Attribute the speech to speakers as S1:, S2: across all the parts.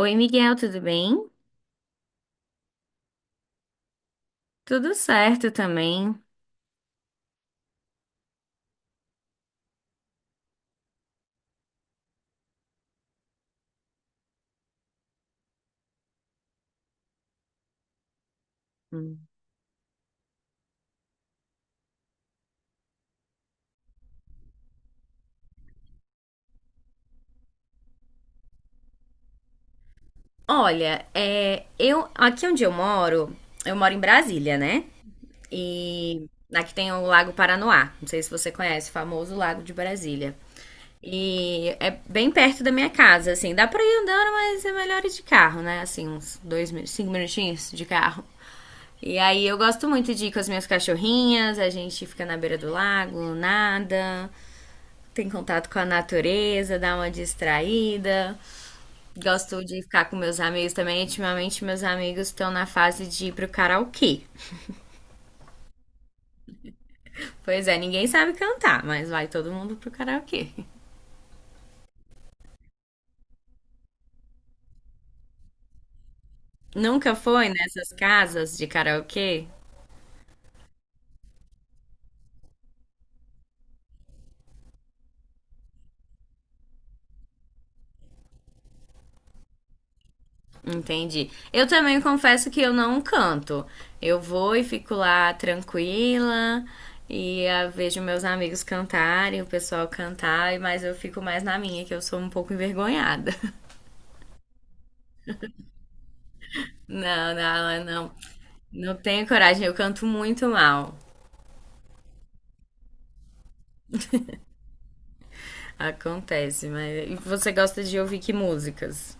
S1: Oi, Miguel, tudo bem? Tudo certo também. Hum. Olha, eu aqui onde eu moro em Brasília, né? E aqui tem o Lago Paranoá. Não sei se você conhece, o famoso Lago de Brasília. E é bem perto da minha casa, assim. Dá pra ir andando, mas é melhor ir de carro, né? Assim, uns cinco minutinhos de carro. E aí eu gosto muito de ir com as minhas cachorrinhas, a gente fica na beira do lago, nada, tem contato com a natureza, dá uma distraída. Gosto de ficar com meus amigos também. Ultimamente, meus amigos estão na fase de ir pro karaokê. Pois é, ninguém sabe cantar, mas vai todo mundo pro karaokê. Nunca foi nessas casas de karaokê? Entendi. Eu também confesso que eu não canto. Eu vou e fico lá tranquila e ah, vejo meus amigos cantarem, o pessoal cantar, mas eu fico mais na minha, que eu sou um pouco envergonhada. Não, não, não. Não tenho coragem, eu canto muito mal. Acontece, mas. E você gosta de ouvir que músicas?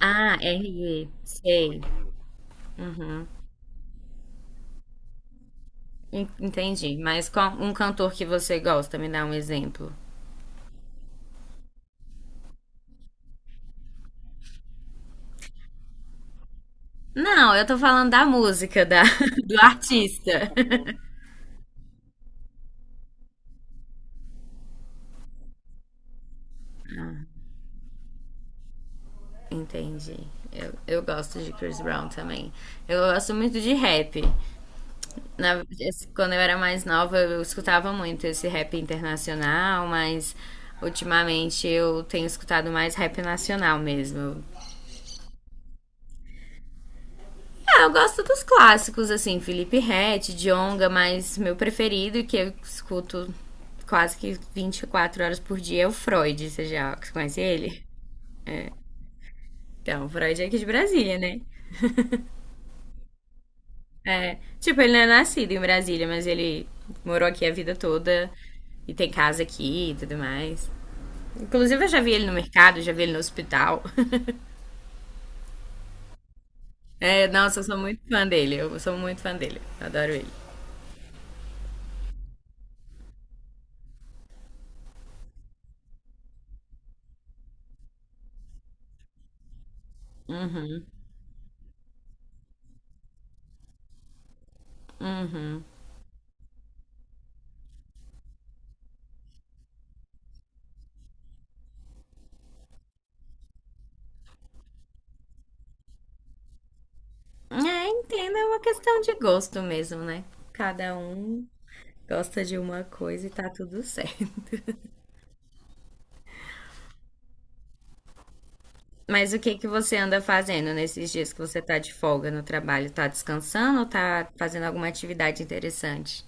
S1: Ah, RE sei. Uhum. Entendi. Mas qual um cantor que você gosta? Me dá um exemplo. Não, eu tô falando da música, da, do artista. Entendi. Eu gosto de Chris Brown também. Eu gosto muito de rap. Quando eu era mais nova, eu escutava muito esse rap internacional, mas ultimamente eu tenho escutado mais rap nacional mesmo. Ah, eu gosto dos clássicos, assim, Felipe Ret, Djonga, mas meu preferido, que eu escuto quase que 24 horas por dia, é o Freud. Você já conhece ele? Então, o Freud é aqui de Brasília, né? É, tipo, ele não é nascido em Brasília, mas ele morou aqui a vida toda e tem casa aqui e tudo mais. Inclusive, eu já vi ele no mercado, já vi ele no hospital. É, nossa, eu sou muito fã dele. Eu sou muito fã dele. Adoro ele. É, entendo, é uma questão de gosto mesmo, né? Cada um gosta de uma coisa e tá tudo certo. Mas o que que você anda fazendo nesses dias que você tá de folga no trabalho? Tá descansando ou tá fazendo alguma atividade interessante?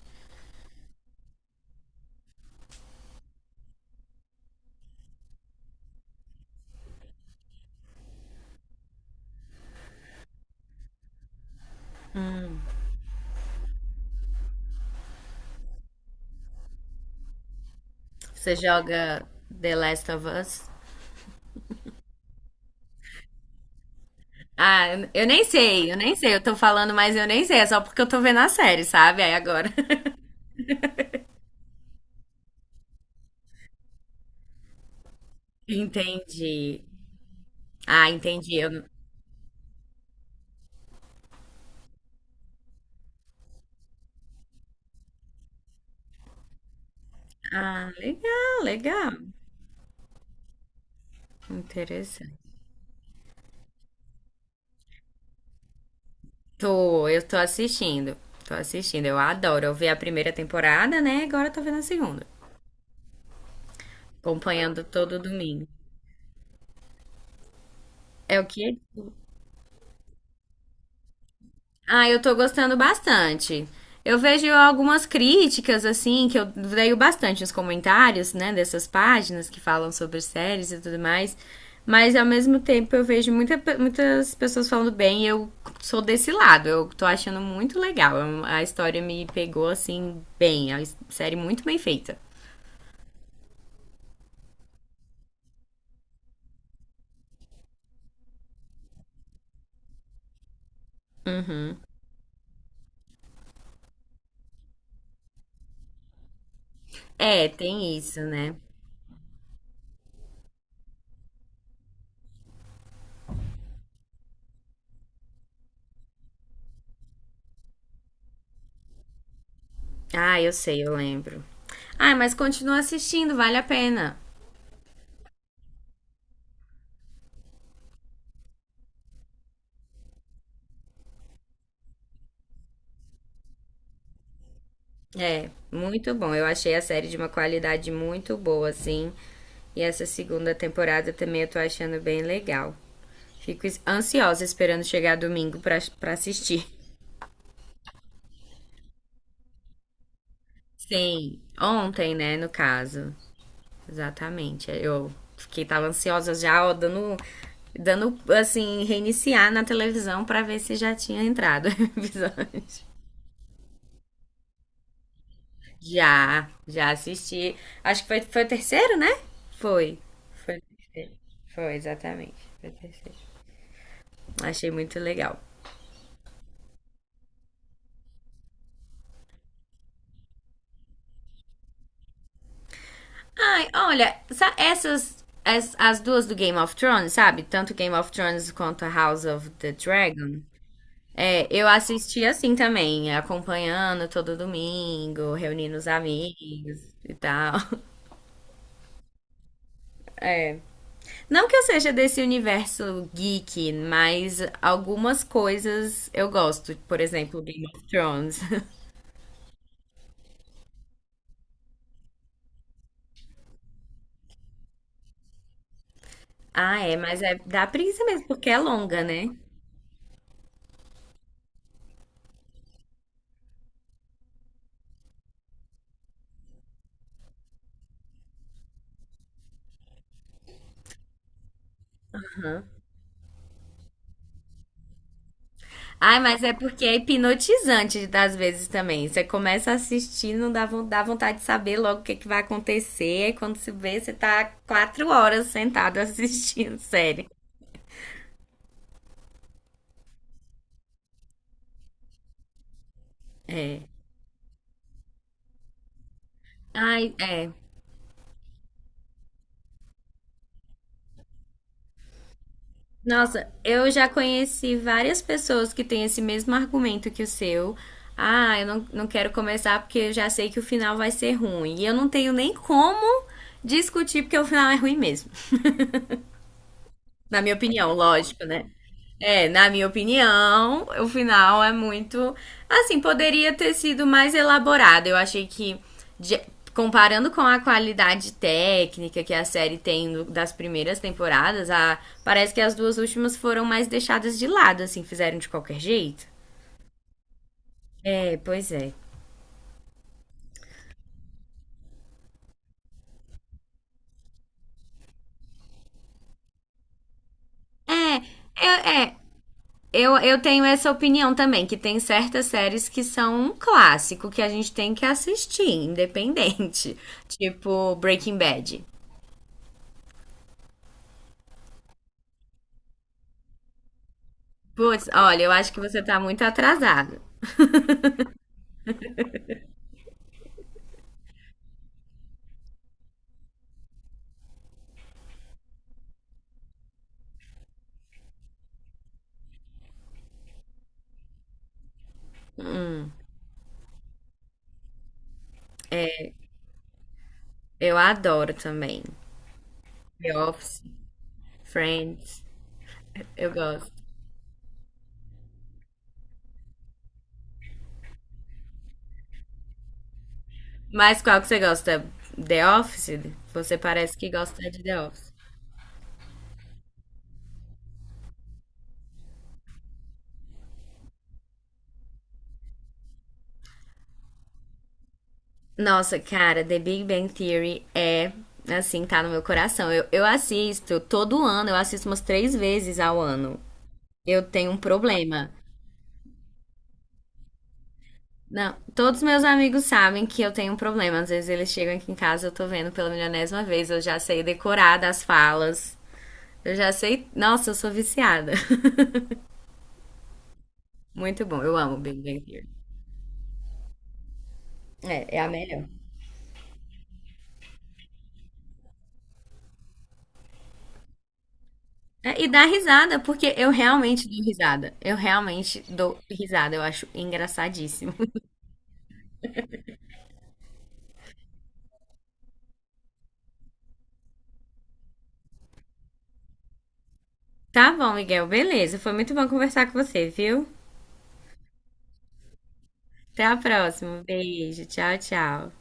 S1: Você joga The Last of Us? Ah, eu nem sei, eu nem sei. Eu tô falando, mas eu nem sei. É só porque eu tô vendo a série, sabe? Aí agora. Entendi. Ah, entendi. Eu não- Ah, legal, legal. Interessante. Tô, eu tô assistindo. Tô assistindo. Eu adoro. Eu vi a primeira temporada, né? Agora eu tô vendo a segunda. Acompanhando todo domingo. É o que? Ah, eu tô gostando bastante. Eu vejo algumas críticas, assim, que eu leio bastante nos comentários, né, dessas páginas que falam sobre séries e tudo mais. Mas ao mesmo tempo eu vejo muitas pessoas falando bem e eu sou desse lado. Eu tô achando muito legal. A história me pegou, assim, bem. É uma série muito bem feita. É, tem isso, né? Ah, eu sei, eu lembro. Ah, mas continua assistindo, vale a pena. É, muito bom. Eu achei a série de uma qualidade muito boa, assim. E essa segunda temporada também eu tô achando bem legal. Fico ansiosa esperando chegar domingo pra assistir. Sim, ontem, né, no caso. Exatamente. Eu fiquei, tava ansiosa já, ó, dando, assim, reiniciar na televisão pra ver se já tinha entrado o episódio. Já, já assisti. Acho que foi o terceiro, né? Foi. Foi o terceiro. Foi, exatamente. Foi o terceiro. Achei muito legal. Ai, olha, essas. As duas do Game of Thrones, sabe? Tanto Game of Thrones quanto a House of the Dragon. É, eu assisti assim também, acompanhando todo domingo, reunindo os amigos e tal. É. Não que eu seja desse universo geek, mas algumas coisas eu gosto. Por exemplo, Game of Thrones. Ah, é, mas é dá preguiça mesmo, porque é longa, né? Ah, mas é porque é hipnotizante às vezes também. Você começa a assistir, não dá, dá vontade de saber logo o que, que vai acontecer. Aí quando se vê, você tá 4 horas sentado assistindo série. É. Ai, é. Nossa, eu já conheci várias pessoas que têm esse mesmo argumento que o seu. Ah, eu não quero começar porque eu já sei que o final vai ser ruim. E eu não tenho nem como discutir porque o final é ruim mesmo. Na minha opinião, lógico, né? É, na minha opinião, o final é muito. Assim, poderia ter sido mais elaborado. Eu achei que, de- comparando com a qualidade técnica que a série tem das primeiras temporadas, parece que as duas últimas foram mais deixadas de lado, assim, fizeram de qualquer jeito. É, pois é. É, é, eu tenho essa opinião também, que tem certas séries que são um clássico que a gente tem que assistir, independente. Tipo Breaking Bad. Putz, olha, eu acho que você tá muito atrasado. Eu adoro também. The Office, Friends, eu gosto. Mas qual que você gosta? The Office? Você parece que gosta de The Office. Nossa, cara, The Big Bang Theory é, assim, tá no meu coração. Eu assisto todo ano, eu assisto umas três vezes ao ano. Eu tenho um problema. Não, todos meus amigos sabem que eu tenho um problema. Às vezes eles chegam aqui em casa, eu tô vendo pela milionésima vez, eu já sei decorar das falas. Eu já sei. Nossa, eu sou viciada. Muito bom, eu amo Big Bang Theory. É a melhor. É, e dá risada, porque eu realmente dou risada. Eu realmente dou risada, eu acho engraçadíssimo. Tá bom, Miguel, beleza. Foi muito bom conversar com você, viu? Até a próxima. Beijo, tchau, tchau.